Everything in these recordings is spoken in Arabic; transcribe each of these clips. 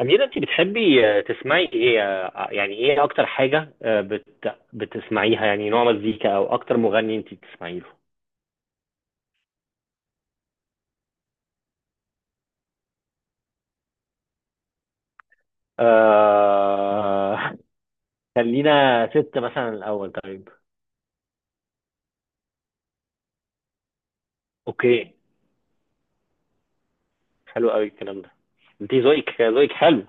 أميرة، أنت بتحبي تسمعي إيه؟ يعني إيه أكتر حاجة بتسمعيها؟ يعني نوع مزيكا أو أكتر مغني أنت بتسمعي له؟ آه... خلينا ست مثلا الأول، طيب. أوكي. حلو قوي الكلام ده. أنت ذوقك حلو.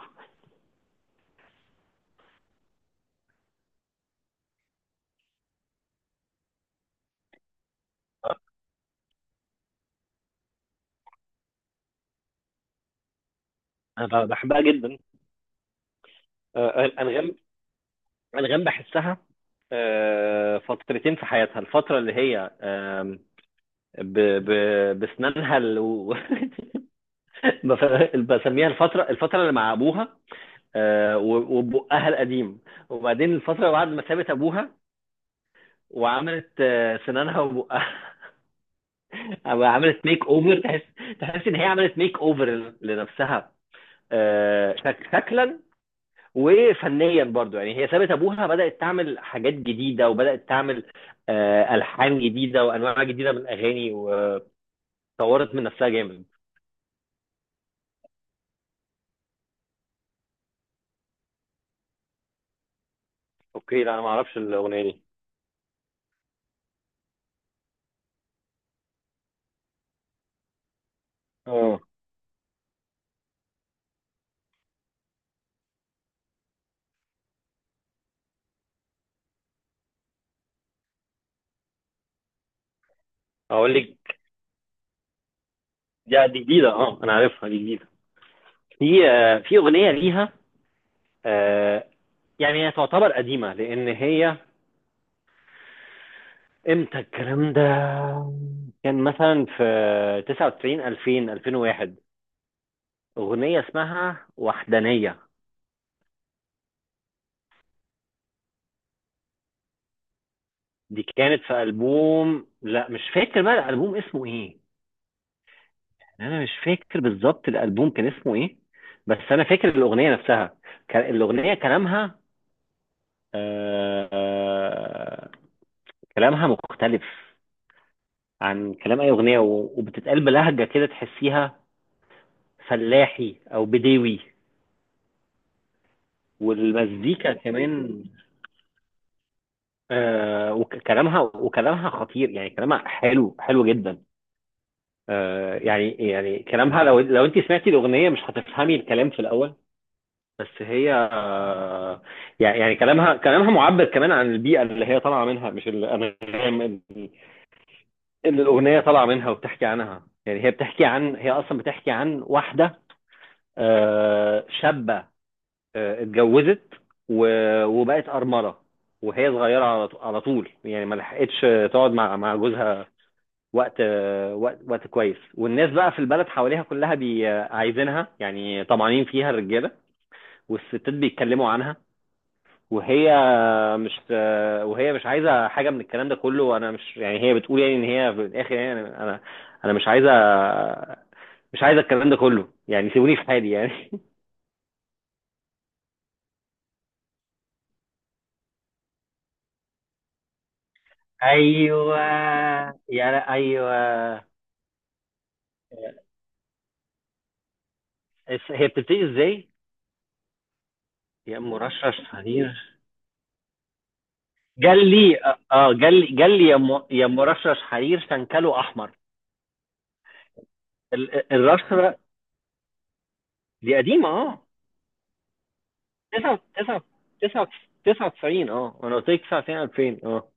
أنا بحبها جدا. أنغام. أنغام بحسها فترتين في حياتها. الفترة اللي هي آم، ب... ب... بسنانها ال... بسميها الفترة اللي مع أبوها، وبقها القديم. وبعدين الفترة بعد ما سابت أبوها وعملت سنانها وبقها. عملت ميك أوفر. تحس تحس إن هي عملت ميك أوفر لنفسها شكلا وفنيا برضو. يعني هي سابت أبوها، بدأت تعمل حاجات جديدة، وبدأت تعمل ألحان جديدة وأنواع جديدة من الأغاني، وطورت من نفسها جامد. اوكي، لا انا ما اعرفش الاغنيه دي. اه اقول لك، دي جديده. اه انا عارفها، دي جديده. في في أغنية ليها، آه، يعني هي تعتبر قديمة، لأن هي امتى الكلام ده؟ كان مثلا في 99 2000 2001. أغنية اسمها وحدانية. دي كانت في ألبوم، لا مش فاكر بقى الألبوم اسمه إيه. يعني أنا مش فاكر بالظبط الألبوم كان اسمه إيه، بس أنا فاكر الأغنية نفسها. الأغنية كلامها آه، آه، كلامها مختلف عن كلام أي أغنية، وبتتقال بلهجة كده تحسيها فلاحي او بديوي. والمزيكا كمان. آه، وكلامها، وكلامها خطير، يعني كلامها حلو حلو جدا. آه، يعني كلامها، لو انت سمعتي الاغنيه مش هتفهمي الكلام في الاول، بس هي آه، يعني كلامها، كلامها معبر كمان عن البيئه اللي هي طالعه منها، مش الانغام اللي الاغنيه طالعه منها وبتحكي عنها. يعني هي بتحكي عن، هي اصلا بتحكي عن واحده شابه اتجوزت وبقت أرملة وهي صغيرة، على على طول. يعني ما لحقتش تقعد مع جوزها وقت وقت كويس، والناس بقى في البلد حواليها كلها بي آه، عايزينها، يعني طمعانين فيها الرجالة، والستات بيتكلموا عنها. وهي مش آه، وهي مش عايزة حاجة من الكلام ده كله. وانا مش، يعني هي بتقول يعني ان هي في الاخر يعني انا أنا مش عايزة، مش عايزة الكلام ده كله، يعني سيبوني في حالي يعني. ايوه. يا لا ايوه. هي بتبتدي ازاي؟ يا ام رشرش حرير، جال لي. اه جال لي يا ام، يا ام رشرش حرير، شنكله احمر. الرشرة دي قديمة، اه. 9 9 9 99، اه انا قلت لك 99 2000، اه.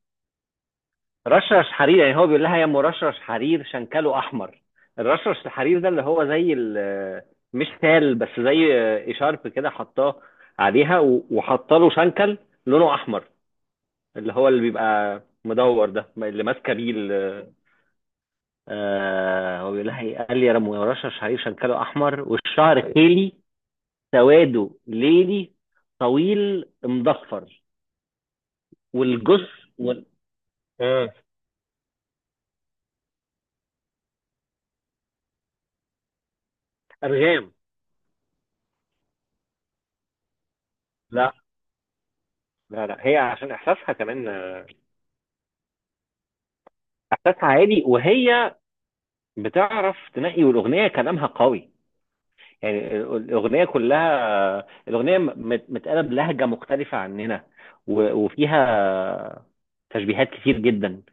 رشرش حرير، يعني هو بيقول لها يا ام رشرش حرير شنكله احمر. الرشرش الحرير ده اللي هو زي مش تال، بس زي اشارب كده حطاه عليها، وحط له شنكل لونه احمر، اللي هو اللي بيبقى مدور ده اللي ماسكه بيه آه. هو بيقول لها ايه؟ قال لي يا رم ورشه شعير شنكله احمر، والشعر خيلي سواده ليلي طويل مضفر والجث. اه والارغام. لا لا هي عشان احساسها كمان، آه، احساسها عالي، وهي بتعرف تنقي. والاغنيه كلامها قوي. يعني الاغنيه كلها، الاغنيه متقاله بلهجه مختلفه عننا، وفيها تشبيهات كتير جدا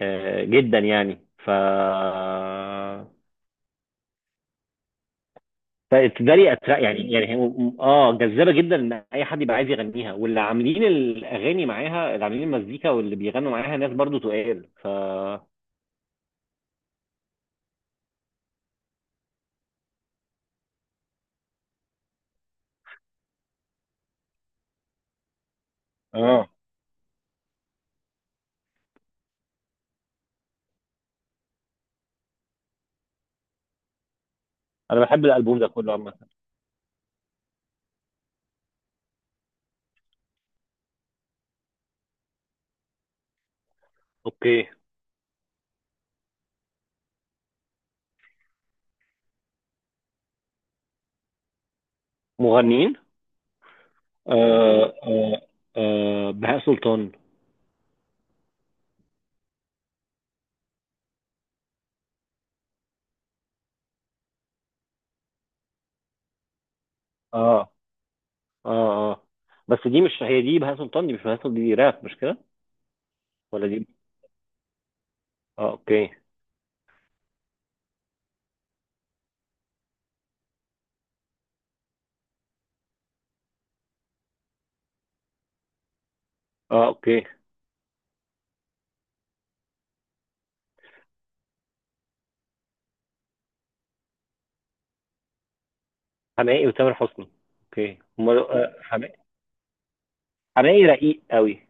جدا. يعني فبالتالي يعني هي اه جذابه جدا، ان اي حد يبقى عايز يغنيها. واللي عاملين الاغاني معاها، اللي عاملين المزيكا واللي بيغنوا معاها ناس برضو تقال اه. انا بحب الالبوم ده كله عامه. اوكي. مغنيين آه آه بهاء سلطان. اه اه اه بس دي مش هي، دي بهاء سلطان، دي مش بهاء سلطان، دي راب مش كده. ولا دي. اه اوكي. اه اوكي. حماقي وتامر حسني. اوكي هم. حماقي رقيق قوي.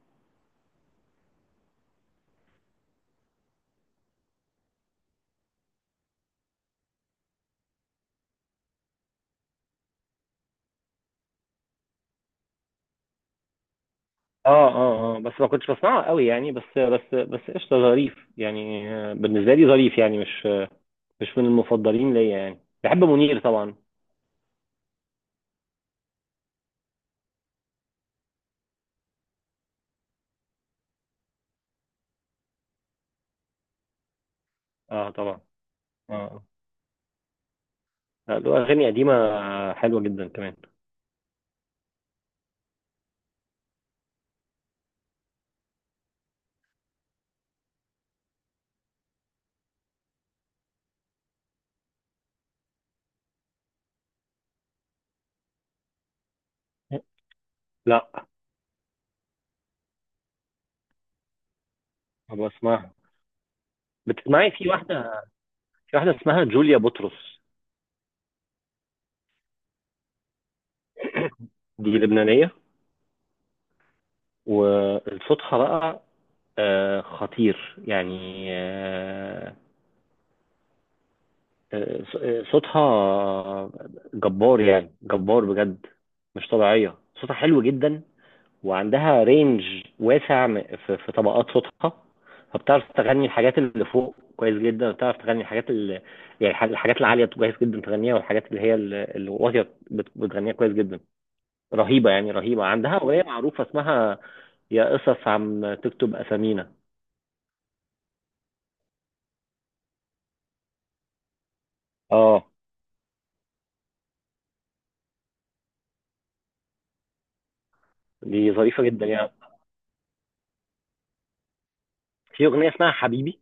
اه بس ما كنتش بسمعه قوي يعني، بس قشطه ظريف، يعني بالنسبه لي ظريف، يعني مش من المفضلين ليا. يعني بحب منير طبعا. اه طبعا. اه آه. لا، له اغاني قديمه حلوه جدا كمان. لا، ابقى اسمعها. بتسمعي؟ في واحده، في واحده اسمها جوليا بطرس. دي لبنانيه وصوتها بقى خطير، يعني آه، صوتها جبار، يعني جبار بجد، مش طبيعية صوتها حلو جدا. وعندها رينج واسع في طبقات صوتها. فبتعرف تغني الحاجات اللي فوق كويس جدا، وبتعرف تغني الحاجات اللي، يعني الحاجات العالية كويس جدا تغنيها، والحاجات اللي هي الواطية بتغنيها كويس جدا. رهيبة، يعني رهيبة. عندها أغنية معروفة اسمها يا قصص عم تكتب أسامينا. اه دي ظريفة جدا. يعني في أغنية اسمها حبيبي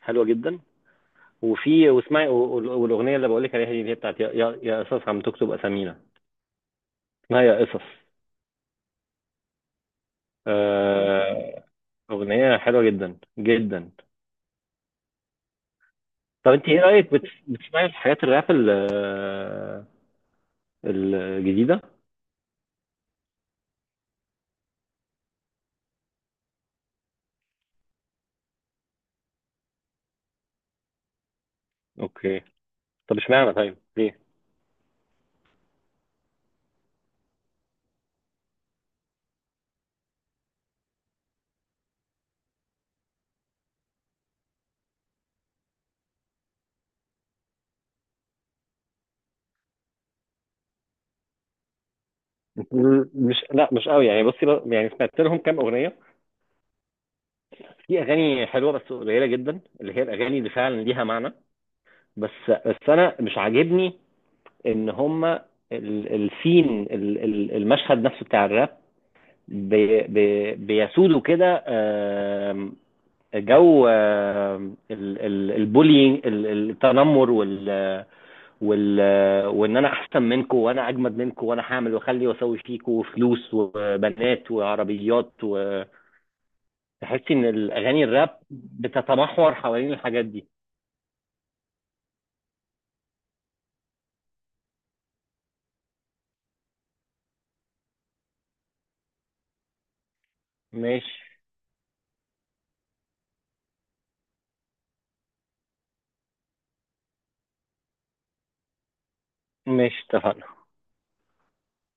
حلوة جدا. وفي، واسمعي، والاغنيه اللي بقول لك عليها دي اللي هي بتاعت يا قصص عم تكتب اسامينا، اسمها يا قصص. آه، اغنيه حلوه جدا جدا. طب انت ايه رايك بتسمعي الحاجات الراب الجديده؟ اوكي. طب اشمعنى، طيب ليه؟ مش قوي، يعني بصي بقى، يعني سمعت لهم كام اغنيه. في اغاني حلوه بس قليله جدا اللي هي الاغاني اللي فعلا ليها معنى. بس، بس انا مش عاجبني ان هم السين المشهد نفسه بتاع الراب بي بي بيسودوا كده. آم، جو، آم، البولينج، التنمر، وال وال وان انا احسن منكم، وانا اجمد منكم، وانا هعمل واخلي واسوي فيكم فلوس وبنات وعربيات. وتحسي ان الاغاني الراب بتتمحور حوالين الحاجات دي. ماشي. ماشي اتفقنا.